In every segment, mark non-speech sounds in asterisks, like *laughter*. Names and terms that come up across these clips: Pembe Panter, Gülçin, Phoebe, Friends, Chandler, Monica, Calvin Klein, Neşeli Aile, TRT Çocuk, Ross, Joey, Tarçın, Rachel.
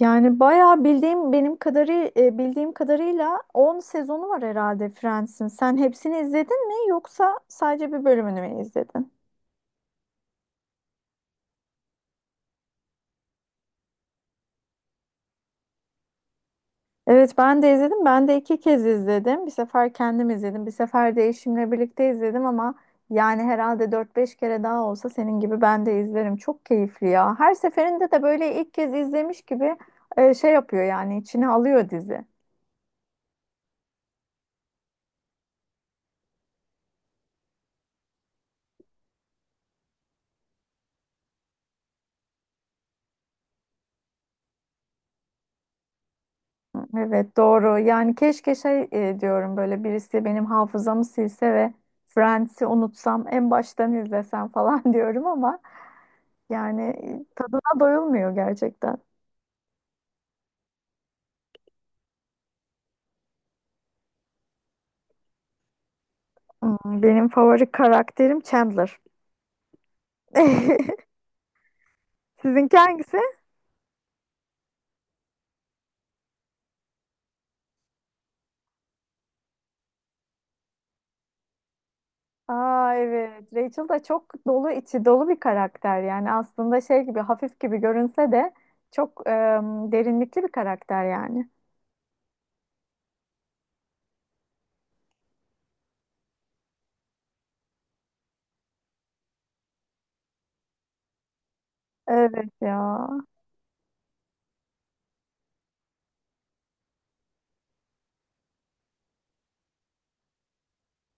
Yani bayağı bildiğim kadarıyla 10 sezonu var herhalde Friends'in. Sen hepsini izledin mi yoksa sadece bir bölümünü mü izledin? Evet, ben de izledim. Ben de iki kez izledim. Bir sefer kendim izledim. Bir sefer de eşimle birlikte izledim ama yani herhalde dört beş kere daha olsa senin gibi ben de izlerim. Çok keyifli ya. Her seferinde de böyle ilk kez izlemiş gibi şey yapıyor, yani içine alıyor dizi. Evet, doğru. Yani keşke diyorum böyle birisi benim hafızamı silse ve Friends'i unutsam, en baştan izlesem falan *laughs* diyorum ama yani tadına doyulmuyor gerçekten. Hmm, benim favori karakterim Chandler. *laughs* Sizinki hangisi? Aa, evet. Rachel da çok dolu, içi dolu bir karakter. Yani aslında şey gibi, hafif gibi görünse de çok derinlikli bir karakter yani. Evet ya.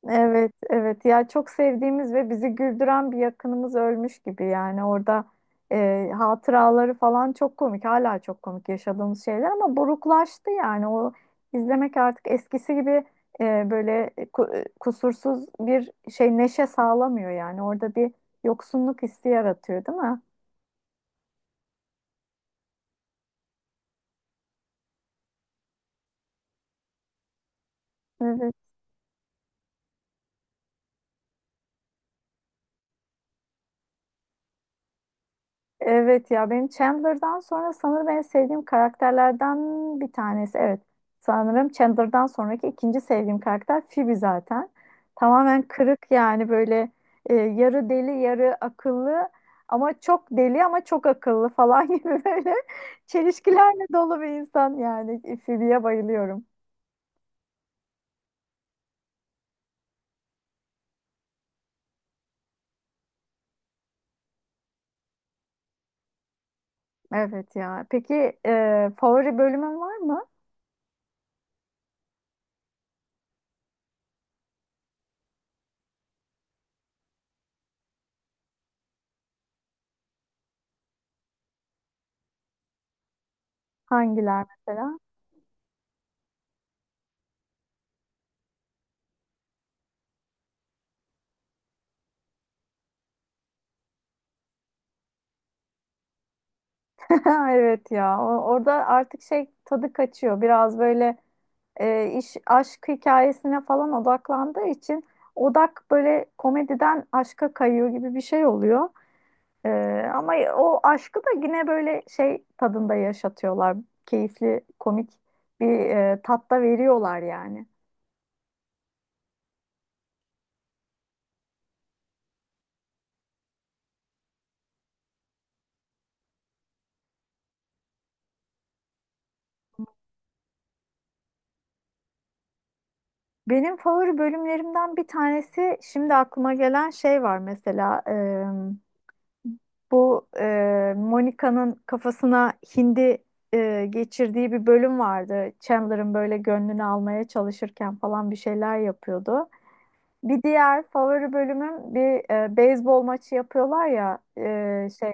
Evet, evet. Ya çok sevdiğimiz ve bizi güldüren bir yakınımız ölmüş gibi yani. Orada hatıraları falan çok komik. Hala çok komik yaşadığımız şeyler ama buruklaştı yani. O izlemek artık eskisi gibi e, böyle e, ku- e, kusursuz bir şey, neşe sağlamıyor yani. Orada bir yoksunluk hissi yaratıyor, değil mi? Evet ya, benim Chandler'dan sonra sanırım en sevdiğim karakterlerden bir tanesi. Evet, sanırım Chandler'dan sonraki ikinci sevdiğim karakter Phoebe zaten. Tamamen kırık yani, böyle yarı deli yarı akıllı, ama çok deli ama çok akıllı falan *laughs* gibi, böyle çelişkilerle dolu bir insan yani. Phoebe'ye bayılıyorum. Evet ya, peki favori bölümün var mı? Hangiler mesela? *laughs* Evet ya, orada artık şey, tadı kaçıyor biraz böyle. İş aşk hikayesine falan odaklandığı için odak böyle komediden aşka kayıyor gibi bir şey oluyor. E, Ama o aşkı da yine böyle şey tadında yaşatıyorlar. Keyifli, komik bir tatta veriyorlar yani. Hı, benim favori bölümlerimden bir tanesi şimdi aklıma gelen şey var mesela, bu Monica'nın kafasına hindi geçirdiği bir bölüm vardı. Chandler'ın böyle gönlünü almaya çalışırken falan bir şeyler yapıyordu. Bir diğer favori bölümüm, bir beyzbol maçı yapıyorlar ya, e, şey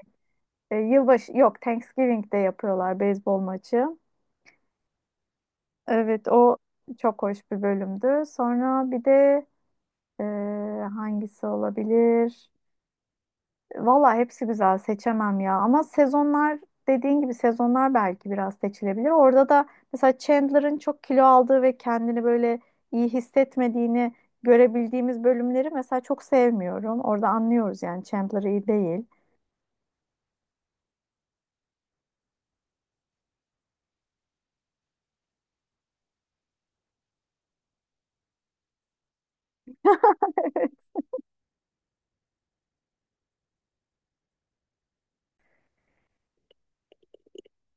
e, yılbaşı yok, Thanksgiving'de yapıyorlar beyzbol maçı. Evet, o çok hoş bir bölümdü. Sonra bir de Ee, hangisi olabilir? Valla hepsi güzel, seçemem ya. Ama sezonlar, dediğin gibi sezonlar belki biraz seçilebilir. Orada da mesela Chandler'ın çok kilo aldığı ve kendini böyle iyi hissetmediğini görebildiğimiz bölümleri mesela çok sevmiyorum. Orada anlıyoruz yani Chandler iyi değil.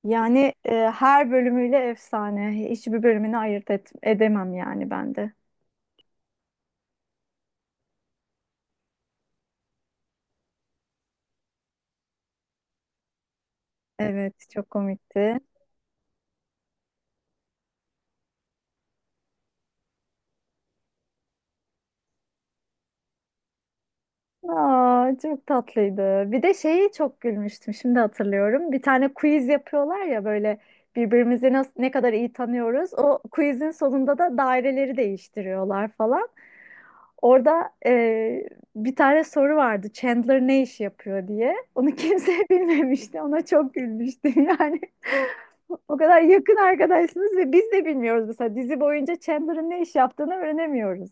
Yani her bölümüyle efsane. Hiçbir bölümünü edemem yani ben de. Evet, çok komikti. Aa, çok tatlıydı. Bir de şeyi çok gülmüştüm. Şimdi hatırlıyorum. Bir tane quiz yapıyorlar ya, böyle birbirimizi nasıl, ne kadar iyi tanıyoruz. O quizin sonunda da daireleri değiştiriyorlar falan. Orada bir tane soru vardı. Chandler ne iş yapıyor diye. Onu kimse *laughs* bilmemişti. Ona çok gülmüştüm yani. *laughs* O kadar yakın arkadaşsınız ve biz de bilmiyoruz, mesela dizi boyunca Chandler'ın ne iş yaptığını öğrenemiyoruz.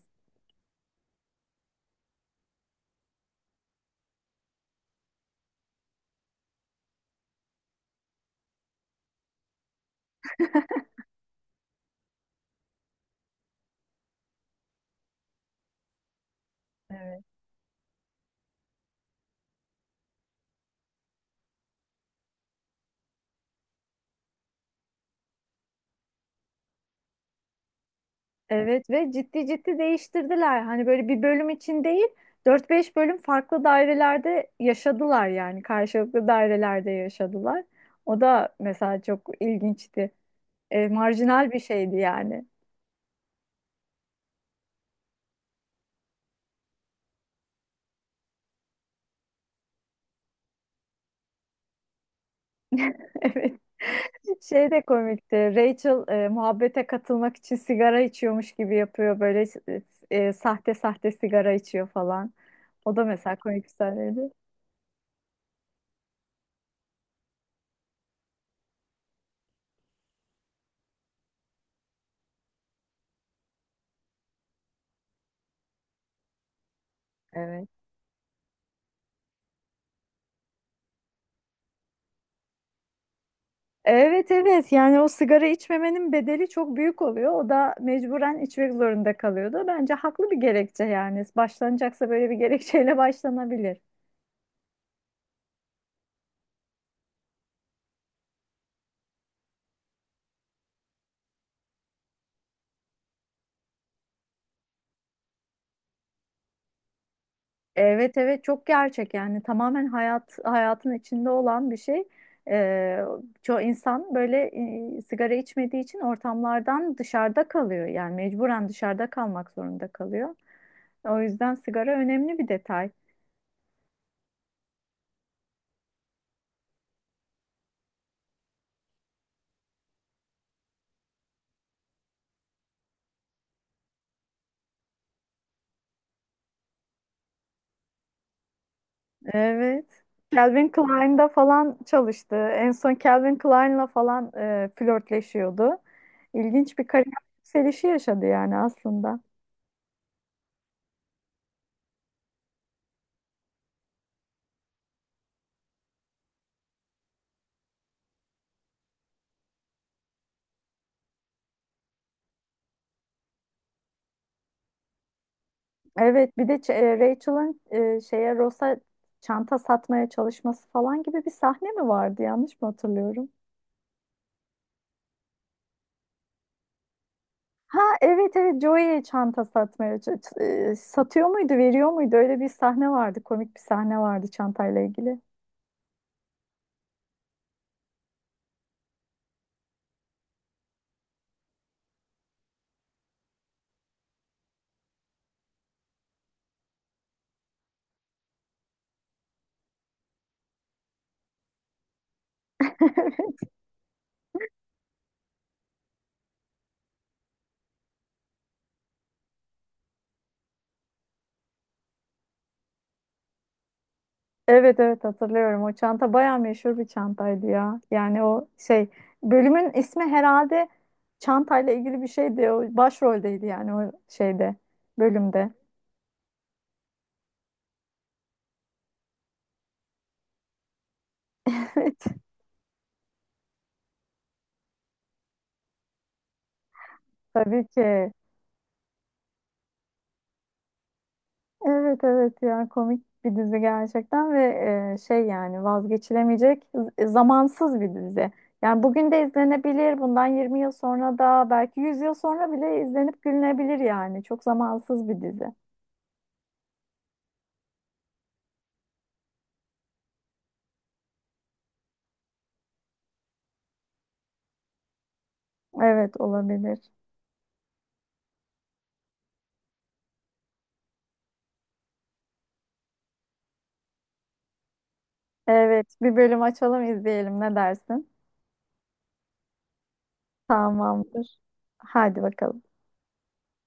Evet, ve ciddi ciddi değiştirdiler. Hani böyle bir bölüm için değil, dört beş bölüm farklı dairelerde yaşadılar yani karşılıklı dairelerde yaşadılar. O da mesela çok ilginçti. Marjinal bir şeydi yani. *laughs* Evet. Şey de komikti. Rachel muhabbete katılmak için sigara içiyormuş gibi yapıyor. Böyle sahte sahte sigara içiyor falan. O da mesela komik bir sahneydi. Evet. Evet, evet, yani o sigara içmemenin bedeli çok büyük oluyor. O da mecburen içmek zorunda kalıyordu. Bence haklı bir gerekçe yani. Başlanacaksa böyle bir *laughs* gerekçeyle başlanabilir. Evet evet, çok gerçek yani, tamamen hayat, hayatın içinde olan bir şey. Ee, Çoğu insan böyle sigara içmediği için ortamlardan dışarıda kalıyor. Yani mecburen dışarıda kalmak zorunda kalıyor. O yüzden sigara önemli bir detay. Evet. Calvin Klein'da falan çalıştı. En son Calvin Klein'la falan flörtleşiyordu. İlginç bir kariyer yükselişi yaşadı yani aslında. Evet, bir de Rachel'ın şeye, Ross'a çanta satmaya çalışması falan gibi bir sahne mi vardı? Yanlış mı hatırlıyorum? Ha evet evet, Joey çanta satmaya satıyor muydu, veriyor muydu, öyle bir sahne vardı, komik bir sahne vardı çantayla ilgili. *laughs* Evet evet, hatırlıyorum. O çanta bayağı meşhur bir çantaydı ya. Yani o şey, bölümün ismi herhalde çantayla ilgili bir şeydi. O başroldeydi yani, o bölümde. *laughs* Evet, tabii ki. Evet evet ya, komik bir dizi gerçekten ve yani vazgeçilemeyecek, zamansız bir dizi. Yani bugün de izlenebilir. Bundan 20 yıl sonra da, belki 100 yıl sonra bile izlenip gülünebilir yani. Çok zamansız bir dizi. Evet, olabilir. Evet, bir bölüm açalım izleyelim, ne dersin? Tamamdır. Hadi bakalım.